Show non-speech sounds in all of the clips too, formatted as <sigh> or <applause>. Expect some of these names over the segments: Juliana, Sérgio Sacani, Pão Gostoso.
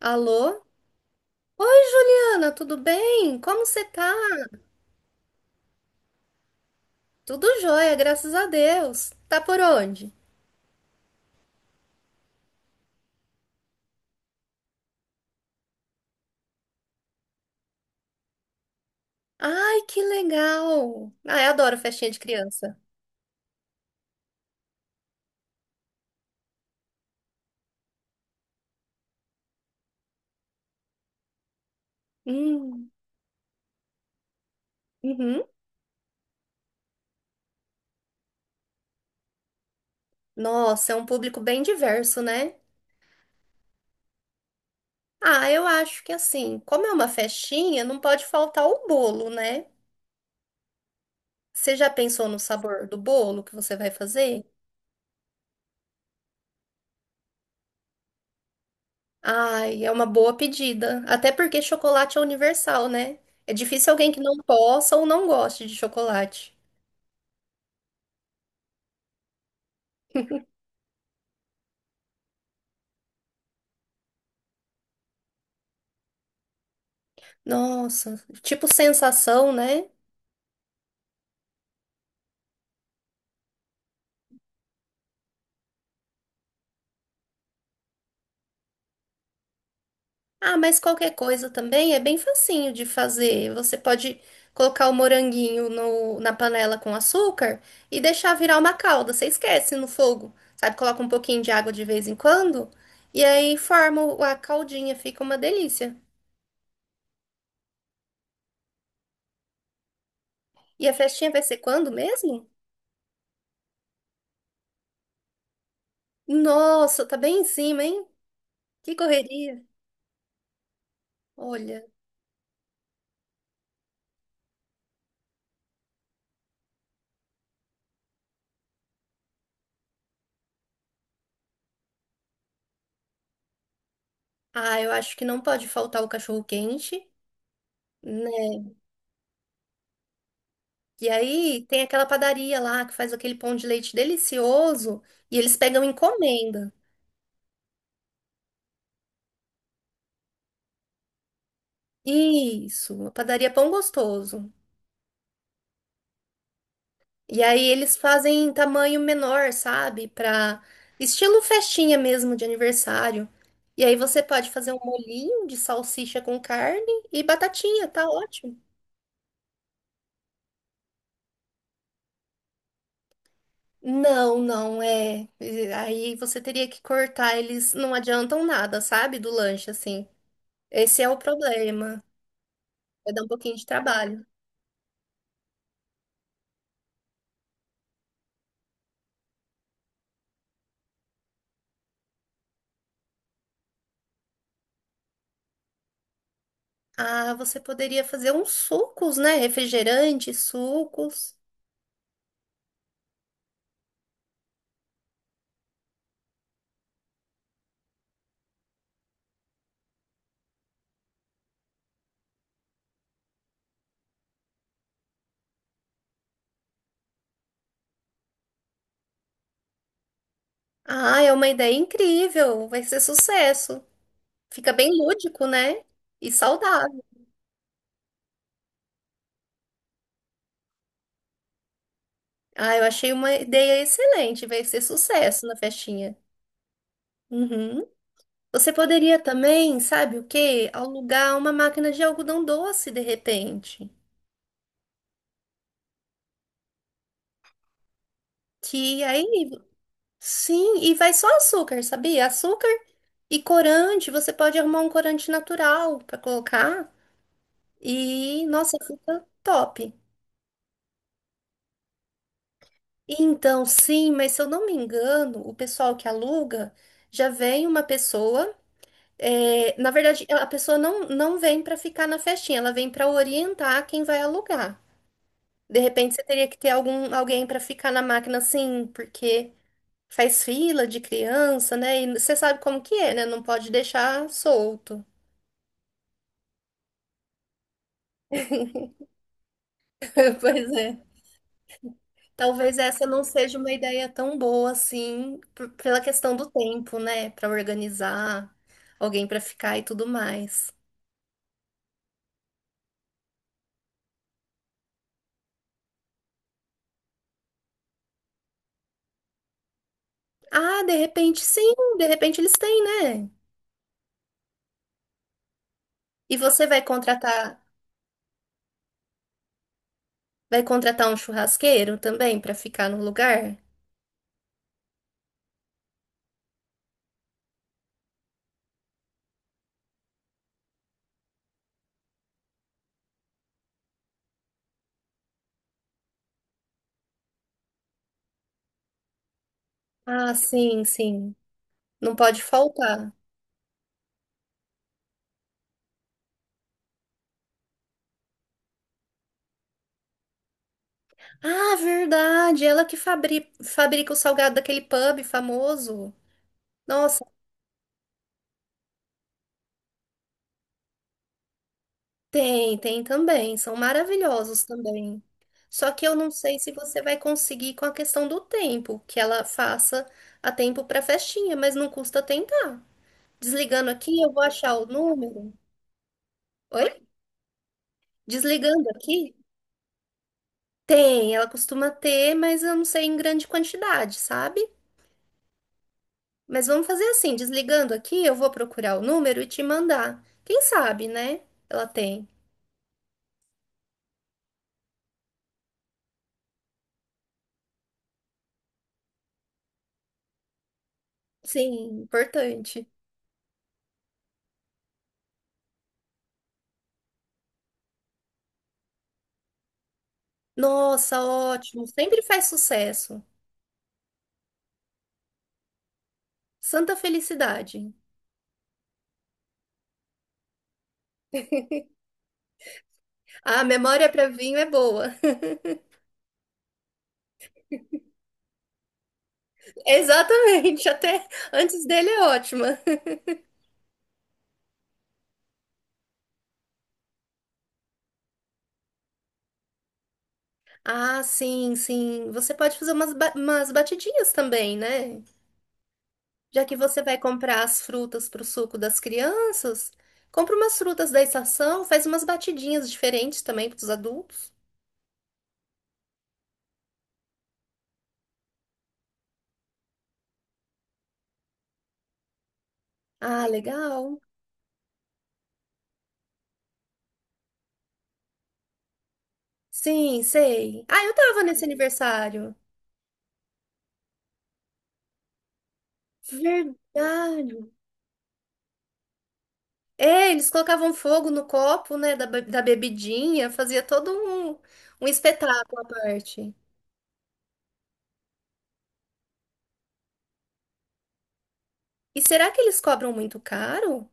Alô? Oi, Juliana, tudo bem? Como você tá? Tudo jóia, graças a Deus. Tá por onde? Ai, que legal! Ah, eu adoro festinha de criança. Hum, uhum. Nossa, é um público bem diverso, né? Ah, eu acho que assim, como é uma festinha, não pode faltar o bolo, né? Você já pensou no sabor do bolo que você vai fazer? Ai, é uma boa pedida. Até porque chocolate é universal, né? É difícil alguém que não possa ou não goste de chocolate. Nossa, tipo sensação, né? Ah, mas qualquer coisa também é bem facinho de fazer. Você pode colocar o moranguinho na panela com açúcar e deixar virar uma calda. Você esquece no fogo, sabe? Coloca um pouquinho de água de vez em quando e aí forma a caldinha, fica uma delícia. E a festinha vai ser quando mesmo? Nossa, tá bem em cima, hein? Que correria. Olha, ah, eu acho que não pode faltar o cachorro quente, né? E aí tem aquela padaria lá que faz aquele pão de leite delicioso e eles pegam encomenda. Isso, a padaria Pão Gostoso. E aí eles fazem em tamanho menor, sabe? Pra estilo festinha mesmo de aniversário. E aí você pode fazer um molhinho de salsicha com carne e batatinha, tá ótimo. Não, não é. E aí você teria que cortar, eles não adiantam nada, sabe? Do lanche assim. Esse é o problema. Vai dar um pouquinho de trabalho. Ah, você poderia fazer uns sucos, né? Refrigerantes, sucos. Ah, é uma ideia incrível. Vai ser sucesso. Fica bem lúdico, né? E saudável. Ah, eu achei uma ideia excelente. Vai ser sucesso na festinha. Uhum. Você poderia também, sabe o quê? Alugar uma máquina de algodão doce, de repente. Que aí, sim, e vai só açúcar, sabia? Açúcar e corante. Você pode arrumar um corante natural para colocar. E, nossa, fica top. Então, sim, mas se eu não me engano, o pessoal que aluga já vem uma pessoa. É, na verdade, a pessoa não, não vem para ficar na festinha, ela vem para orientar quem vai alugar. De repente, você teria que ter algum, alguém para ficar na máquina, assim, porque faz fila de criança, né? E você sabe como que é, né? Não pode deixar solto. <laughs> Pois é. Talvez essa não seja uma ideia tão boa assim, pela questão do tempo, né? Para organizar, alguém para ficar e tudo mais. Ah, de repente sim, de repente eles têm, né? E você vai contratar um churrasqueiro também para ficar no lugar? Ah, sim, sim. Não pode faltar. Ah, verdade, ela que fabrica o salgado daquele pub famoso. Nossa, tem, tem também. São maravilhosos também. Só que eu não sei se você vai conseguir com a questão do tempo, que ela faça a tempo para festinha, mas não custa tentar. Desligando aqui, eu vou achar o número. Oi? Desligando aqui? Tem, ela costuma ter, mas eu não sei em grande quantidade, sabe? Mas vamos fazer assim, desligando aqui, eu vou procurar o número e te mandar. Quem sabe, né? Ela tem. Sim, importante. Nossa, ótimo. Sempre faz sucesso. Santa Felicidade. A memória para vinho é boa. <laughs> Exatamente, até antes dele é ótima. Ah, sim, sim. Você pode fazer umas, umas batidinhas também, né? Já que você vai comprar as frutas para o suco das crianças, compra umas frutas da estação, faz umas batidinhas diferentes também para os adultos. Ah, legal. Sim, sei. Ah, eu tava nesse aniversário. Verdade. É, eles colocavam fogo no copo, né, da, da bebidinha, fazia todo um, um espetáculo à parte. E será que eles cobram muito caro?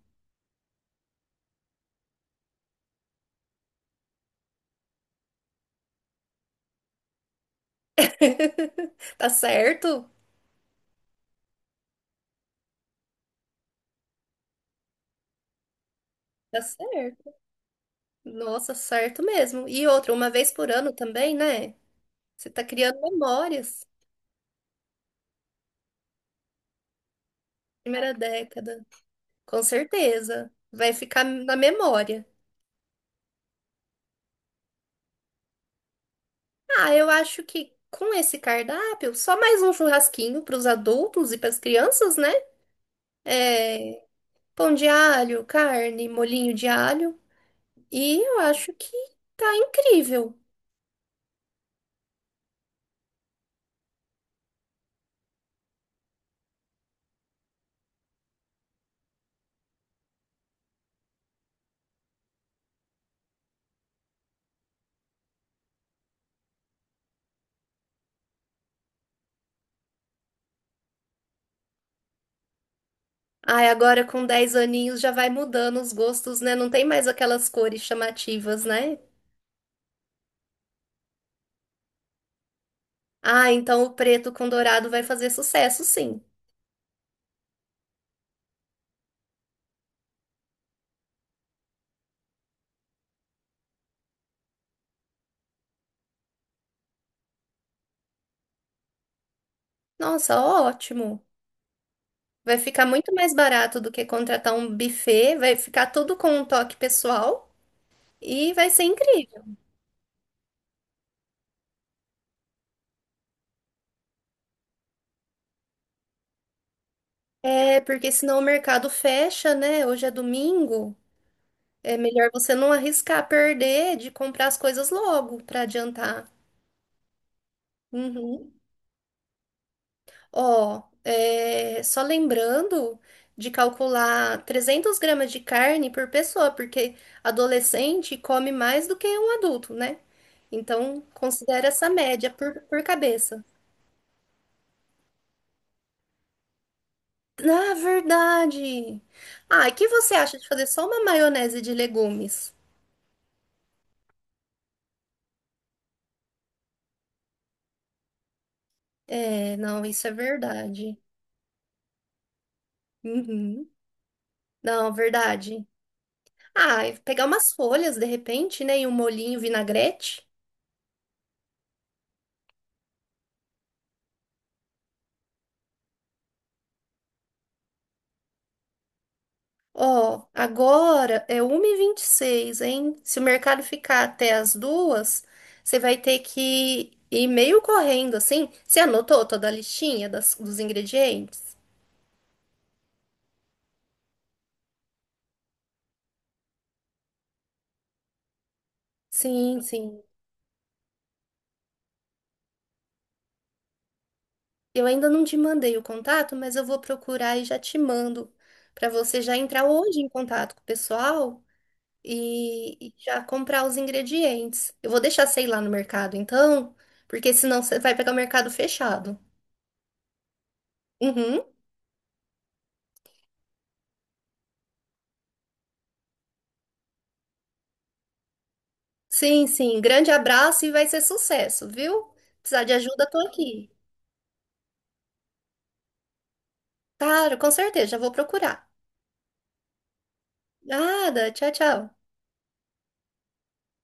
<laughs> Tá certo? Tá certo. Nossa, certo mesmo. E outra, uma vez por ano também, né? Você tá criando memórias. Primeira década. Com certeza. Vai ficar na memória. Ah, eu acho que com esse cardápio, só mais um churrasquinho para os adultos e para as crianças, né? É, pão de alho, carne, molhinho de alho. E eu acho que tá incrível. Ai, agora com 10 aninhos já vai mudando os gostos, né? Não tem mais aquelas cores chamativas, né? Ah, então o preto com dourado vai fazer sucesso, sim. Nossa, ótimo. Vai ficar muito mais barato do que contratar um buffet, vai ficar tudo com um toque pessoal e vai ser incrível. É, porque senão o mercado fecha, né? Hoje é domingo. É melhor você não arriscar perder de comprar as coisas logo para adiantar. Uhum. Ó, é, só lembrando de calcular 300 gramas de carne por pessoa, porque adolescente come mais do que um adulto, né? Então, considera essa média por cabeça. Na verdade. Ah, e que você acha de fazer só uma maionese de legumes? É, não, isso é verdade. Uhum. Não, verdade. Ah, e pegar umas folhas de repente, né? E um molhinho vinagrete. Ó, agora é 1:26, hein? Se o mercado ficar até as 2, você vai ter que ir meio correndo assim. Você anotou toda a listinha dos ingredientes? Sim, sim. Eu ainda não te mandei o contato, mas eu vou procurar e já te mando para você já entrar hoje em contato com o pessoal. E, já comprar os ingredientes. Eu vou deixar, sei lá, no mercado, então, porque senão você vai pegar o mercado fechado. Uhum. Sim, sim. Grande abraço e vai ser sucesso, viu? Precisar de ajuda, tô aqui. Claro, com certeza, já vou procurar. Nada, tchau, tchau.